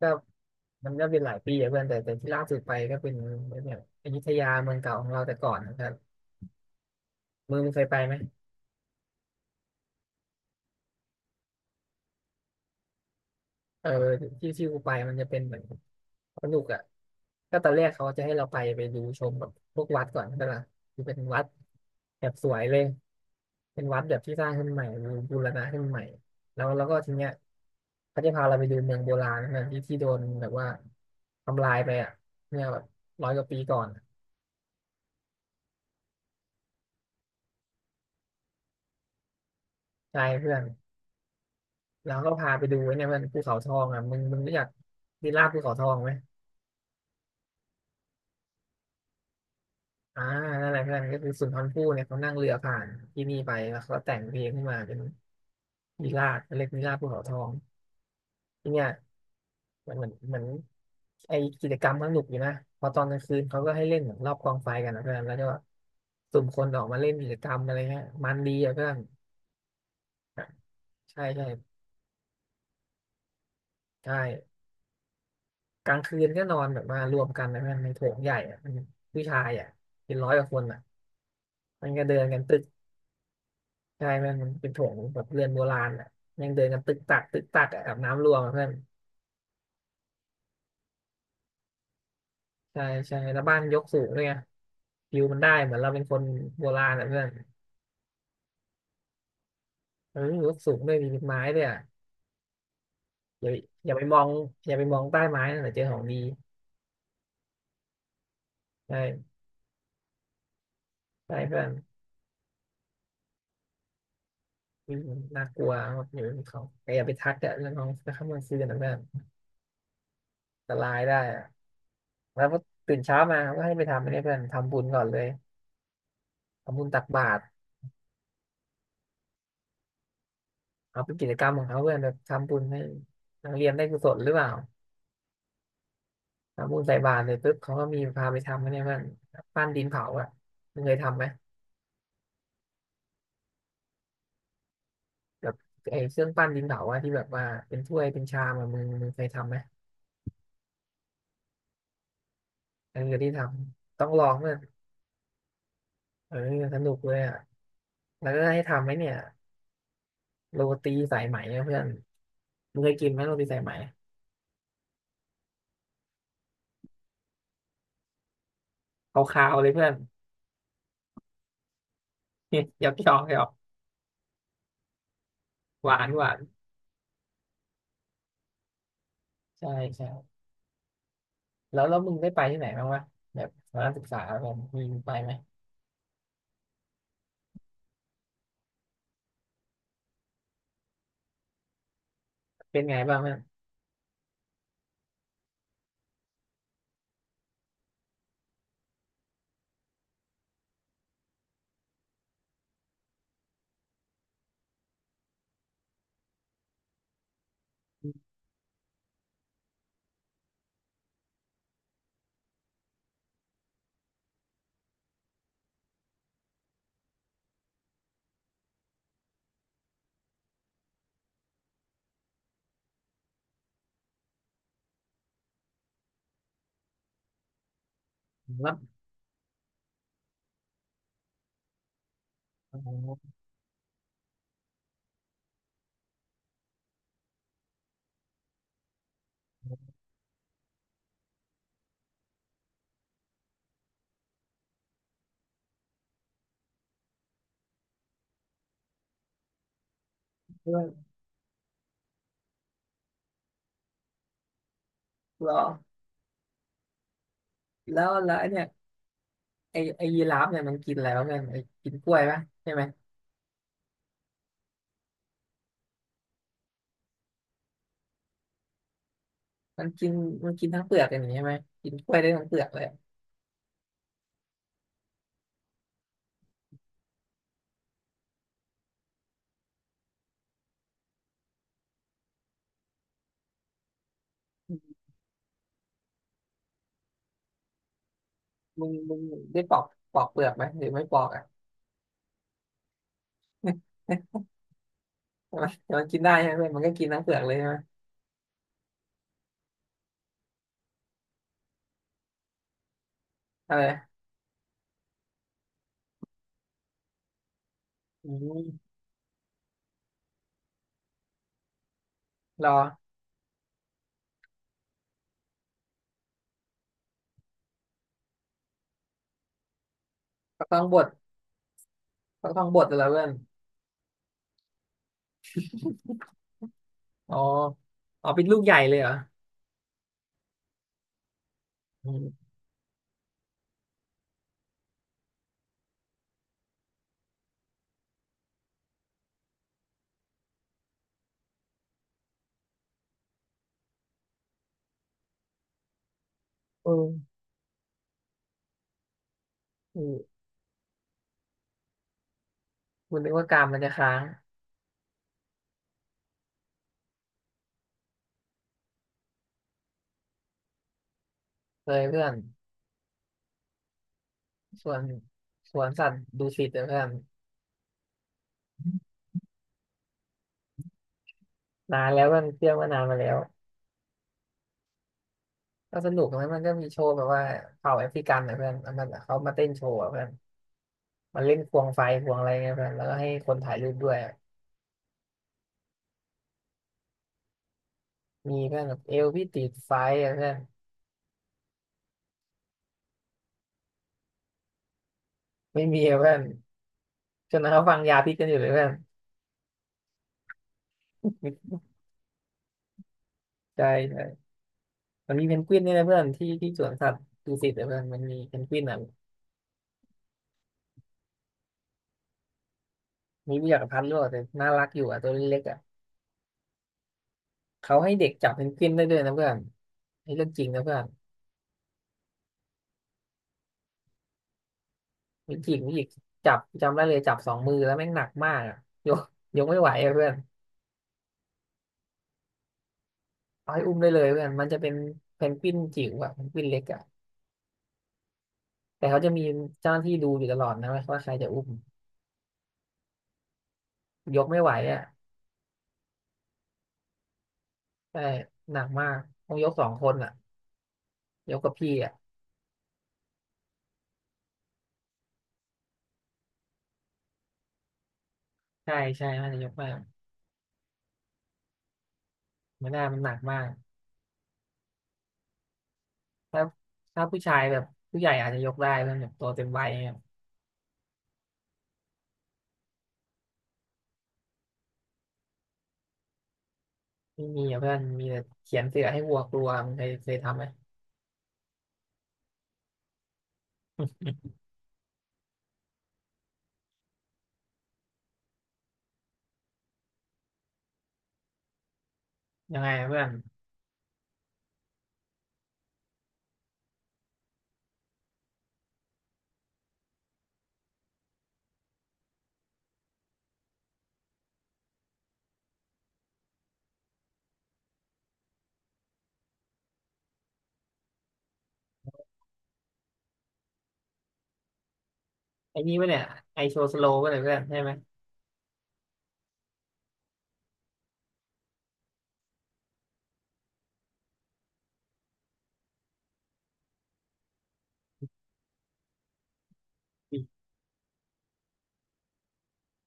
ก็มันก็เป็นหลายปีอะเพื่อนแต่ที่ล่าสุดไปก็เป็นเนี่ยอยุธยาเมืองเก่าของเราแต่ก่อนนะครับมึงเคยไปไหมเออที่ที่กูไปมันจะเป็นเหมือนสนุกอ่ะก็ตอนแรกเขาจะให้เราไปดูชมแบบพวกวัดก่อนใช่ปะคือเป็นวัดแบบสวยเลยเป็นวัดแบบที่สร้างขึ้นใหม่บูรณะขึ้นใหม่แล้วก็ทีเนี้ยเขาจะพาเราไปดูเมืองโบราณนะที่ที่โดนแบบว่าทำลายไปอ่ะเนี่ยแบบร้อยกว่าปีก่อนใช่เพื่อน แล้วก็พาไปดูไอ้เนี่ยมันภูเขาทองอ่ะมึงรู้จักวิลล่าภูเขาทองไหมอ่านั่นแหละเพื่อนก็คือสุนทรภู่เนี่ยเขานั่งเรือผ่านที่นี่ไปแล้วเขาก็แต่งเพลงขึ้นมาเป็นวิลล่าเรียกวิลล่าภูเขาทองที่เนี่ยมันเหมือนไอกิจกรรมมันสนุกอยู่นะพอตอนกลางคืนเขาก็ให้เล่นเหมือนรอบกองไฟกันนะเพื่อนแล้วก็สุ่มคนออกมาเล่นกิจกรรมอะไรเงี้ยมันดีอ่ะเพื่อนใช่ใช่ใช่กลางคืนก็นอนแบบมารวมกันนะเพื่อนในโถงใหญ่อะผู้ชายอ่ะเป็นร้อยกว่าคนอะ มันก็เดินกันตึกใช่ไหมนมันเป็นโถงแบบเรือนโบราณอ่ะยังเดินกันตึกตักตึกตักอะอาบน้ำรวมอะเพื่อนใช่ใช่แล้วบ้านยกสูงด้วยไงวิวมันได้เหมือนเราเป็นคนโบราณอ่ะเพื่อนเออยกสูงด้วยมีเป็นไม้ด้วยอะอย่าอย่าไปมองอย่าไปมองใต้ไม้นะเดี๋ยวเจอของดีใช่ใช่เพื่อนอืมนน่ากลัวครับอยู่บนเขาแต่อย่าไปทักอะเรื่องของข้ามกลางคืนนะเพื่อนอันตรายได้อะแล้วพอตื่นเช้ามาก็ให้ไปทำอันนี้เพื่อนทำบุญก่อนเลยทำบุญตักบาตร เอาเป็นกิจกรรมของเขาเพื่อนแบบทำบุญให้นักเรียนได้กุศลหรือเปล่าทำบุญใส่บาตรเลยปุ๊บเขาก็มีพาไปทำนะเนี่ยเพื่อนปั้นดินเผาอ่ะมึงเคยทำไหมแบบไอ้เครื่องปั้นดินเผาอ่ะที่แบบว่าเป็นถ้วยเป็นชามอะมึงเคยทำไหมอันนี้ที่ทำต้องลองเพื่อนเออสนุกเลยอ่ะแล้วก็ให้ทำไหมเนี่ยโรตีสายไหมนะเพื่อนมึงเคยกินไหมโรตีสายไหมขาวๆเลยเพื่อน หยอกหยอกหยอกหวานหวานใช่ใช่แล้วมึงได้ไปที่ไหนบ้างวะแบบตอนนักศึกษาแบบมีไปไหม เป็นไงบ้างเนี่ยรับอ๋อเพื่อนรอแล้วแล้วไอ้เนี่ยไอยีราฟเนี่ยมันกินอะไรบ้างเนี่ยไอกินกล้วยปะใช่ไหมมันกินมันกินทั้งเปลือกอย่างนี้ใช่ไหมกินกล้วยได้ทั้งเปลือกเลยมึงได้ปอกปอกเปลือกไหมหรือไม่ปอกอ่ะ แต่ไหมัแต่ มันกินได้ใช่ไหมเพื่อนมันก็กินทั้งเปลือกเลยใช่ไหมเอออืมรอก็ต้องบดก็ต้องบดแล้วเพื่อนอ๋ออ๋อเป็นลูกใหญ่เลยเหรออืมเออเออคุณนึกว่ากามมันจะค้างเลยเพื่อน สวนสวนสัตว์ดุสิตนะเพื่อนนานแล้วมันเที่ยวมานานมาแล้วก็สนุกนะมันก็มีโชว์แบบว่าเผ่าแอฟริกันนะเพื่อนแล้วมันเขามาเต้นโชว์อะเพื่อนมันเล่นควงไฟควงอะไรเงี้ยเพื่อนแล้วก็ให้คนถ่ายรูปด้วยอะมีเพื่อนแบบเอวพี่ติดไฟอะเพื่อนไม่มีอะเพื่อนจนเขาฟังยาพิษกันอยู่เลยเพื่อนใช่ใช่มันมีเพนกวินนี่นะเพื่อนที่ที่สวนสัตว์ดุสิตนะเพื่อนมันมีเพนกวินอ่ะมีวิทยากรพันธุ์ด้วยแต่น่ารักอยู่อ่ะตัวเล็กๆอ่ะเขาให้เด็กจับเพนกวินได้ด้วยนะเพื่อนนี่เรื่องจริงนะเพื่อน มีจิกมีจิกจับจำได้เลยจับสองมือแล้วแม่งหนักมากอ่ะยกยกไม่ไหวอะเพื่อนเอาให้อุ้มได้เลยเพื่อนมันจะเป็นเพนกวินจิ๋วอ่ะเพนกวินเล็กอ่ะแต่เขาจะมีเจ้าหน้าที่ดูอยู่ตลอดนะว่าใครจะอุ้มยกไม่ไหวอ่ะใช่หนักมากต้องยกสองคนอ่ะยกกับพี่อ่ะใช่ใช่น่าจะยกมากไม่ได้มันหนักมากถ้าถ้าผู้ชายแบบผู้ใหญ่อาจจะยกได้เพื่อนแบบตัวเต็มวัยเนี่ยไม่มีอ่ะเพื่อนมีแต่เขียนเสือให้วัวกลัวมันเคยทำไหมยังไงอะเพื่อนไอ้นี่ปะเนี่ยไอโชว์สโลว์ปะเนี่ยเพื่อนใช่ไหม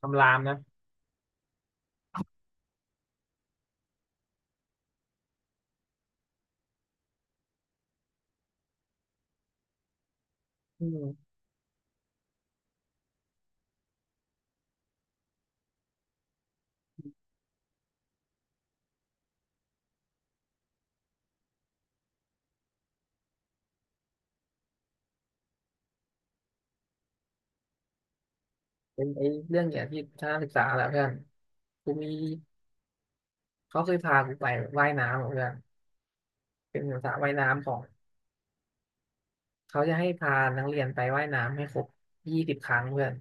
คำรามนะอืมเป็นไอ้เรื่องเนี่ยที่ชนะศึกษาแหละเพื่อนกูมีเขาเคยพากูไปว่ายน้ำอะเพื่อนเป็นสระว่ายน้ำของเขาจะให้พานักเรียนไปว่ายน้ำให้ครบ20 ครั้งเพื่อน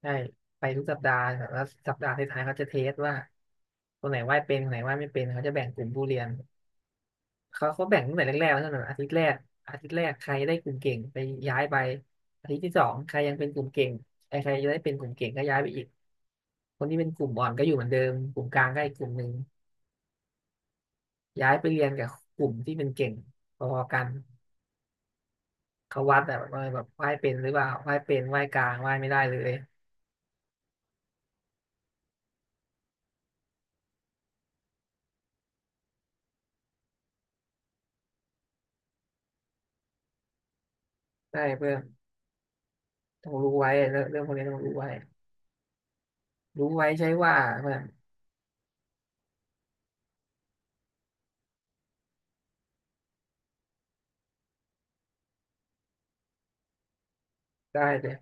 ใช่ไปทุกสัปดาห์แต่ละสัปดาห์ท้ายๆเขาจะเทสว่าคนไหนว่ายเป็นคนไหนว่ายไม่เป็นเขาจะแบ่งกลุ่มผู้เรียนเขาแบ่งตั้งแต่แรกๆแล้วนะอาทิตย์แรกอาทิตย์แรกใครได้กลุ่มเก่งไปย้ายไปอาทิตย์ที่สองใครยังเป็นกลุ่มเก่งไอ้ใครจะได้เป็นกลุ่มเก่งก็ย้ายไปอีก คนที่เป็นกลุ่มอ่อนก็อยู่เหมือนเดิมกลุ่มกลางก็อีกกลุ่มหนึ่งย้ายไปเรียนกับกลุ่มที่เป็นเก่งพอๆกันเขาวัดแบบว่าแบบไหว้เป็นหรือเปล่าไหว้เป็นไหว้กลางไหว้ไม่ได้เลยได้เพื่อนต้องรู้ไว้เรื่องพวกนี้ต้องรู้ไว้รู้ไว้ใช่ว่าเพื่อนได้เลย